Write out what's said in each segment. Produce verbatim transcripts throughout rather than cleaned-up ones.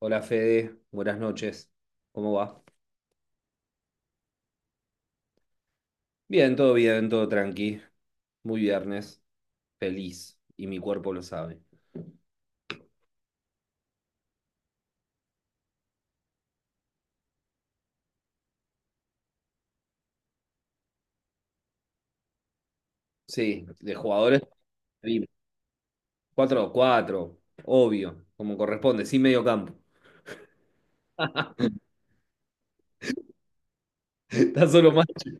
Hola Fede, buenas noches. ¿Cómo va? Bien, todo bien, todo tranqui. Muy viernes, feliz y mi cuerpo lo sabe. Sí, de jugadores, 4 cuatro, obvio, como corresponde, sin medio campo. Está solo Mache.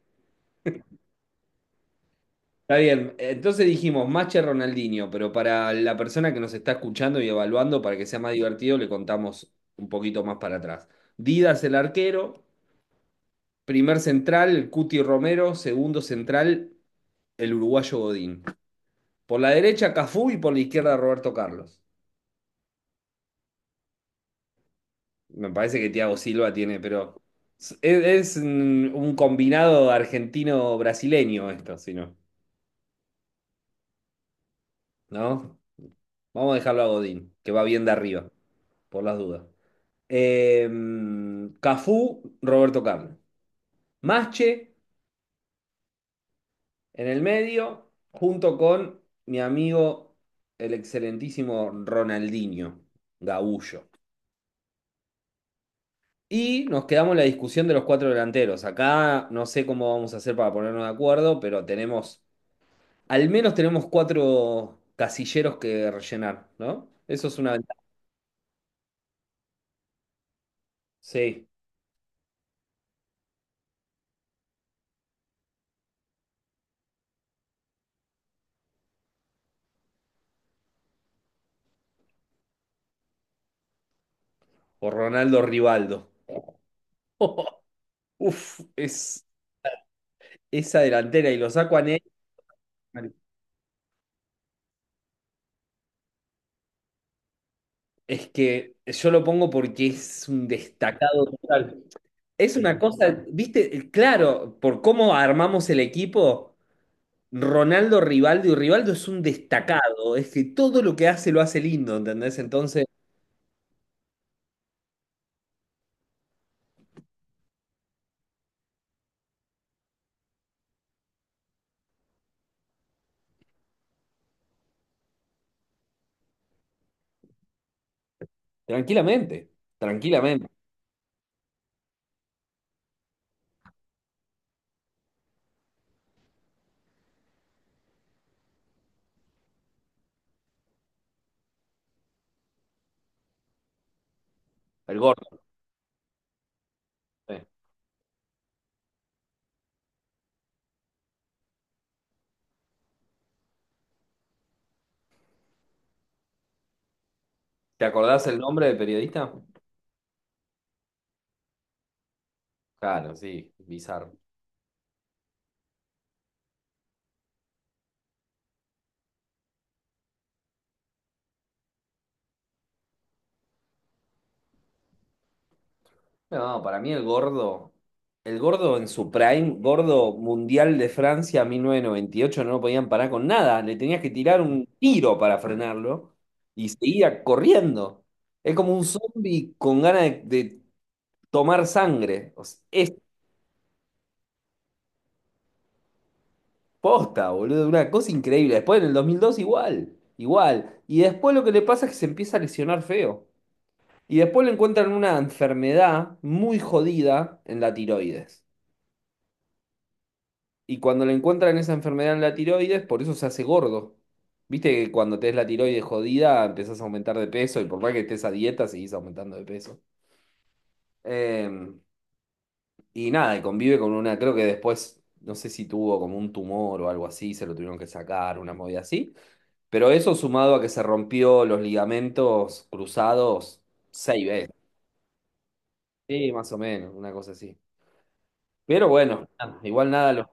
Está bien. Entonces dijimos Mache Ronaldinho, pero para la persona que nos está escuchando y evaluando, para que sea más divertido, le contamos un poquito más para atrás. Didas el arquero, primer central, el Cuti Romero. Segundo central, el uruguayo Godín. Por la derecha, Cafú y por la izquierda, Roberto Carlos. Me parece que Thiago Silva tiene, pero es, es un un combinado argentino-brasileño esto, si no, ¿no? Vamos a dejarlo a Godín, que va bien de arriba, por las dudas. Eh, Cafú, Roberto Carlos. Masche, en el medio, junto con mi amigo, el excelentísimo Ronaldinho, Gaullo. Y nos quedamos en la discusión de los cuatro delanteros. Acá no sé cómo vamos a hacer para ponernos de acuerdo, pero tenemos, al menos tenemos cuatro casilleros que rellenar, ¿no? Eso es una ventaja. Sí, o Ronaldo Rivaldo. Uf, es esa delantera y lo saco a Ney. Es que yo lo pongo porque es un destacado total. Es una cosa, viste, claro, por cómo armamos el equipo, Ronaldo, Rivaldo, y Rivaldo es un destacado, es que todo lo que hace lo hace lindo, ¿entendés? Entonces, tranquilamente, tranquilamente, el gordo. Eh. ¿Te acordás el nombre del periodista? Claro, sí, bizarro. No, para mí el gordo, el gordo en su prime, gordo mundial de Francia mil novecientos noventa y ocho no lo podían parar con nada, le tenías que tirar un tiro para frenarlo y seguía corriendo. Es como un zombie con ganas de, de tomar sangre. O sea, es posta, boludo, una cosa increíble. Después en el dos mil dos igual, igual. Y después lo que le pasa es que se empieza a lesionar feo. Y después le encuentran una enfermedad muy jodida en la tiroides. Y cuando le encuentran esa enfermedad en la tiroides, por eso se hace gordo. Viste que cuando tenés la tiroides jodida, empezás a aumentar de peso y por más que estés a dieta, seguís aumentando de peso. Eh, y nada, y convive con una, creo que después, no sé si tuvo como un tumor o algo así, se lo tuvieron que sacar, una movida así. Pero eso sumado a que se rompió los ligamentos cruzados seis veces. Sí, más o menos, una cosa así. Pero bueno, nada, igual nada lo...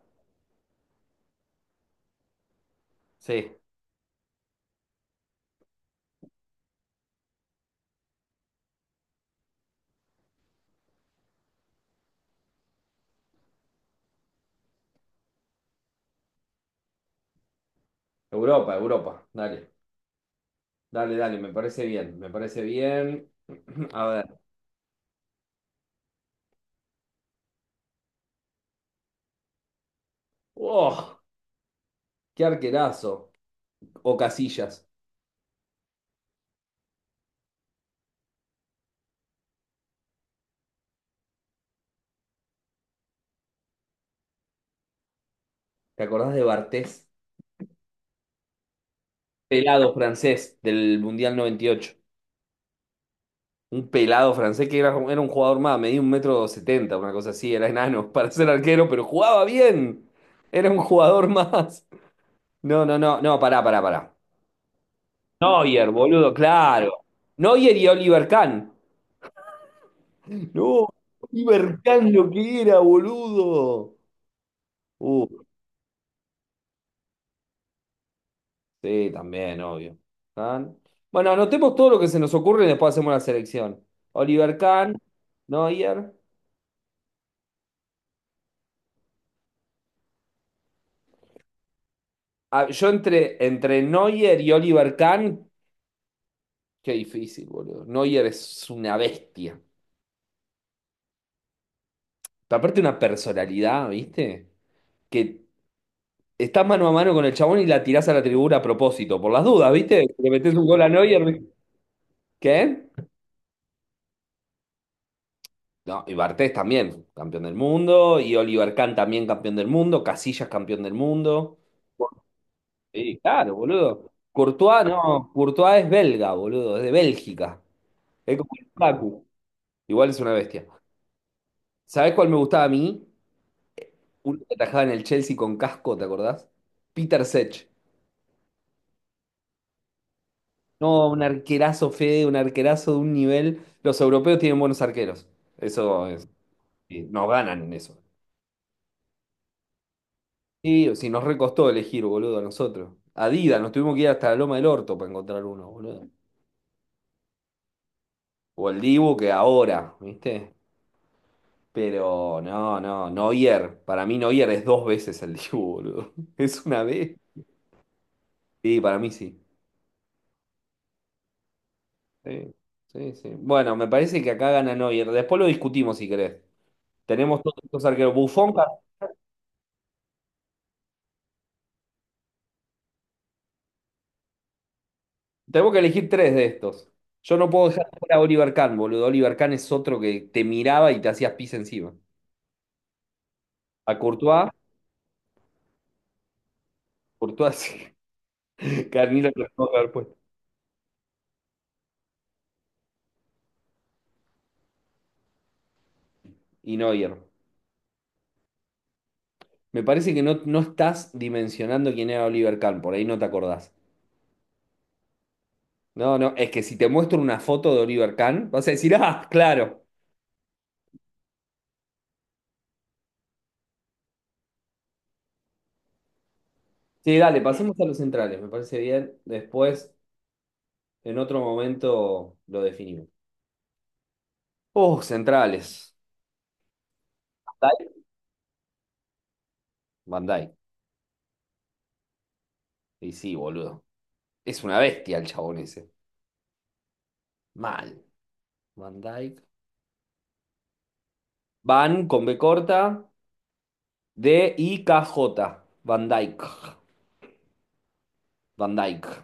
Sí, Europa, Europa, dale. Dale, dale, me parece bien, me parece bien. A ver. ¡Oh! ¡Qué arquerazo! O Casillas. ¿Te acordás de Bartés? ¿Pelado francés del Mundial noventa y ocho? Un pelado francés que era, era un jugador más, medía un metro setenta, una cosa así, era enano para ser arquero, pero jugaba bien. Era un jugador más. No, no, no, no, pará, pará, pará. Neuer, boludo, claro. Neuer y Oliver Kahn. No, Oliver Kahn lo que era, boludo. Uh, Sí, también, obvio. Kahn. Bueno, anotemos todo lo que se nos ocurre y después hacemos la selección. Oliver Kahn, Neuer. Ah, yo entre, entre Neuer y Oliver Kahn, qué difícil, boludo. Neuer es una bestia. Pero aparte una personalidad, ¿viste? Que estás mano a mano con el chabón y la tirás a la tribuna a propósito, por las dudas, ¿viste? Le metés un gol a Neuer. ¿Qué? No, y Bartés también, campeón del mundo. Y Oliver Kahn también, campeón del mundo. Casillas, campeón del mundo. Sí, claro, boludo. Courtois no, Courtois es belga, boludo, es de Bélgica. Es como el igual es una bestia. ¿Sabés cuál me gustaba a mí? Uno que atajaba en el Chelsea con casco, ¿te acordás? Peter Sech. No, un arquerazo, Fede, un arquerazo de un nivel. Los europeos tienen buenos arqueros. Eso es. Sí, nos ganan en eso. Sí, o si nos recostó elegir, boludo, a nosotros. Adidas, nos tuvimos que ir hasta la Loma del Orto para encontrar uno, boludo. O el Dibu que ahora, ¿viste? Pero no, no, Neuer. Para mí Neuer es dos veces el Dibu, boludo. ¿Es una vez? Sí, para mí sí. Sí, sí, sí. Bueno, me parece que acá gana Neuer. Después lo discutimos si querés. Tenemos todos estos arqueros. Buffon, Ca- tenemos que elegir tres de estos. Yo no puedo dejar fuera a Oliver Kahn, boludo. Oliver Kahn es otro que te miraba y te hacías pis encima. A Courtois, Courtois sí. Carnilo lo tengo que haber puesto. Y Neuer. Me parece que no, no estás dimensionando quién era Oliver Kahn, por ahí no te acordás. No, no, es que si te muestro una foto de Oliver Kahn, vas a decir, ah, claro. Sí, dale, pasemos a los centrales, me parece bien. Después, en otro momento, lo definimos. Oh, centrales. Van Dijk. Van Dijk. Y sí, boludo. Es una bestia el chabón ese. Mal. Van Dijk. Van con B corta, D I K J. Van Dijk. Van Dijk.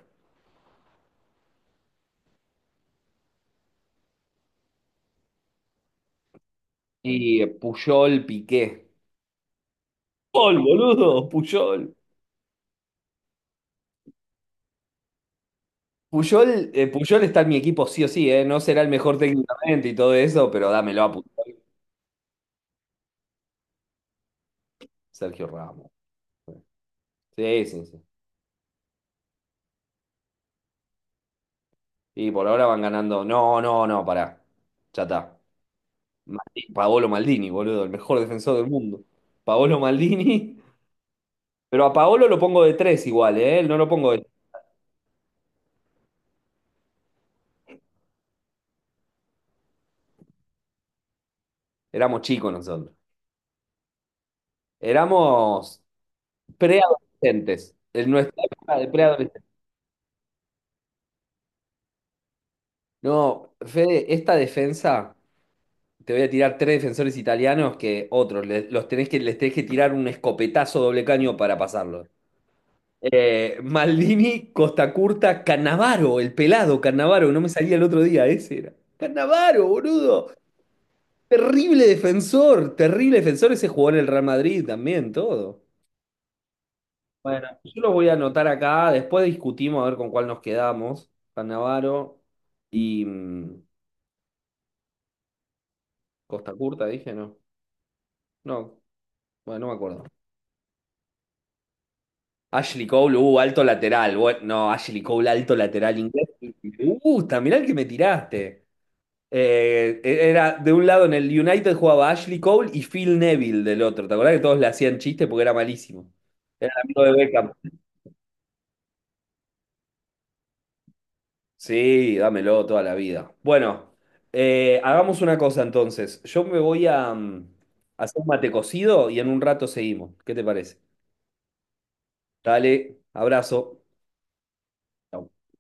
Y eh, Puyol Piqué. Puyol, boludo, Puyol. Puyol, eh, Puyol está en mi equipo sí o sí, ¿eh? No será el mejor técnicamente y todo eso, pero dámelo a Puyol. Sergio Ramos. Sí, sí, sí. Y por ahora van ganando. No, no, no, pará. Ya está. Maldi- Paolo Maldini, boludo, el mejor defensor del mundo. Paolo Maldini. Pero a Paolo lo pongo de tres igual, ¿eh? No lo pongo de... Éramos chicos nosotros. Éramos preadolescentes. En nuestra época de preadolescentes. No, Fede, esta defensa. Te voy a tirar tres defensores italianos que otros. Le- los tenés que, les tenés que tirar un escopetazo doble caño para pasarlo. Eh, Maldini, Costa Curta, Cannavaro, el pelado Cannavaro, no me salía el otro día, ese era. Cannavaro, boludo. Terrible defensor, terrible defensor. Ese jugó en el Real Madrid también, todo. Bueno, yo lo voy a anotar acá. Después discutimos a ver con cuál nos quedamos. Cannavaro y mm, Costa Curta, dije, no. No, bueno, no me acuerdo. Ashley Cole, uh, alto lateral. Bueno, no, Ashley Cole, alto lateral inglés. Me gusta, mirá el que me tiraste. Eh, e-, era de un lado en el United jugaba Ashley Cole y Phil Neville del otro. ¿Te acordás que todos le hacían chiste porque era malísimo? Era el amigo de Beckham. Sí, dámelo toda la vida. Bueno, eh, hagamos una cosa entonces. Yo me voy a mm, hacer un mate cocido y en un rato seguimos. ¿Qué te parece? Dale, abrazo. Chau.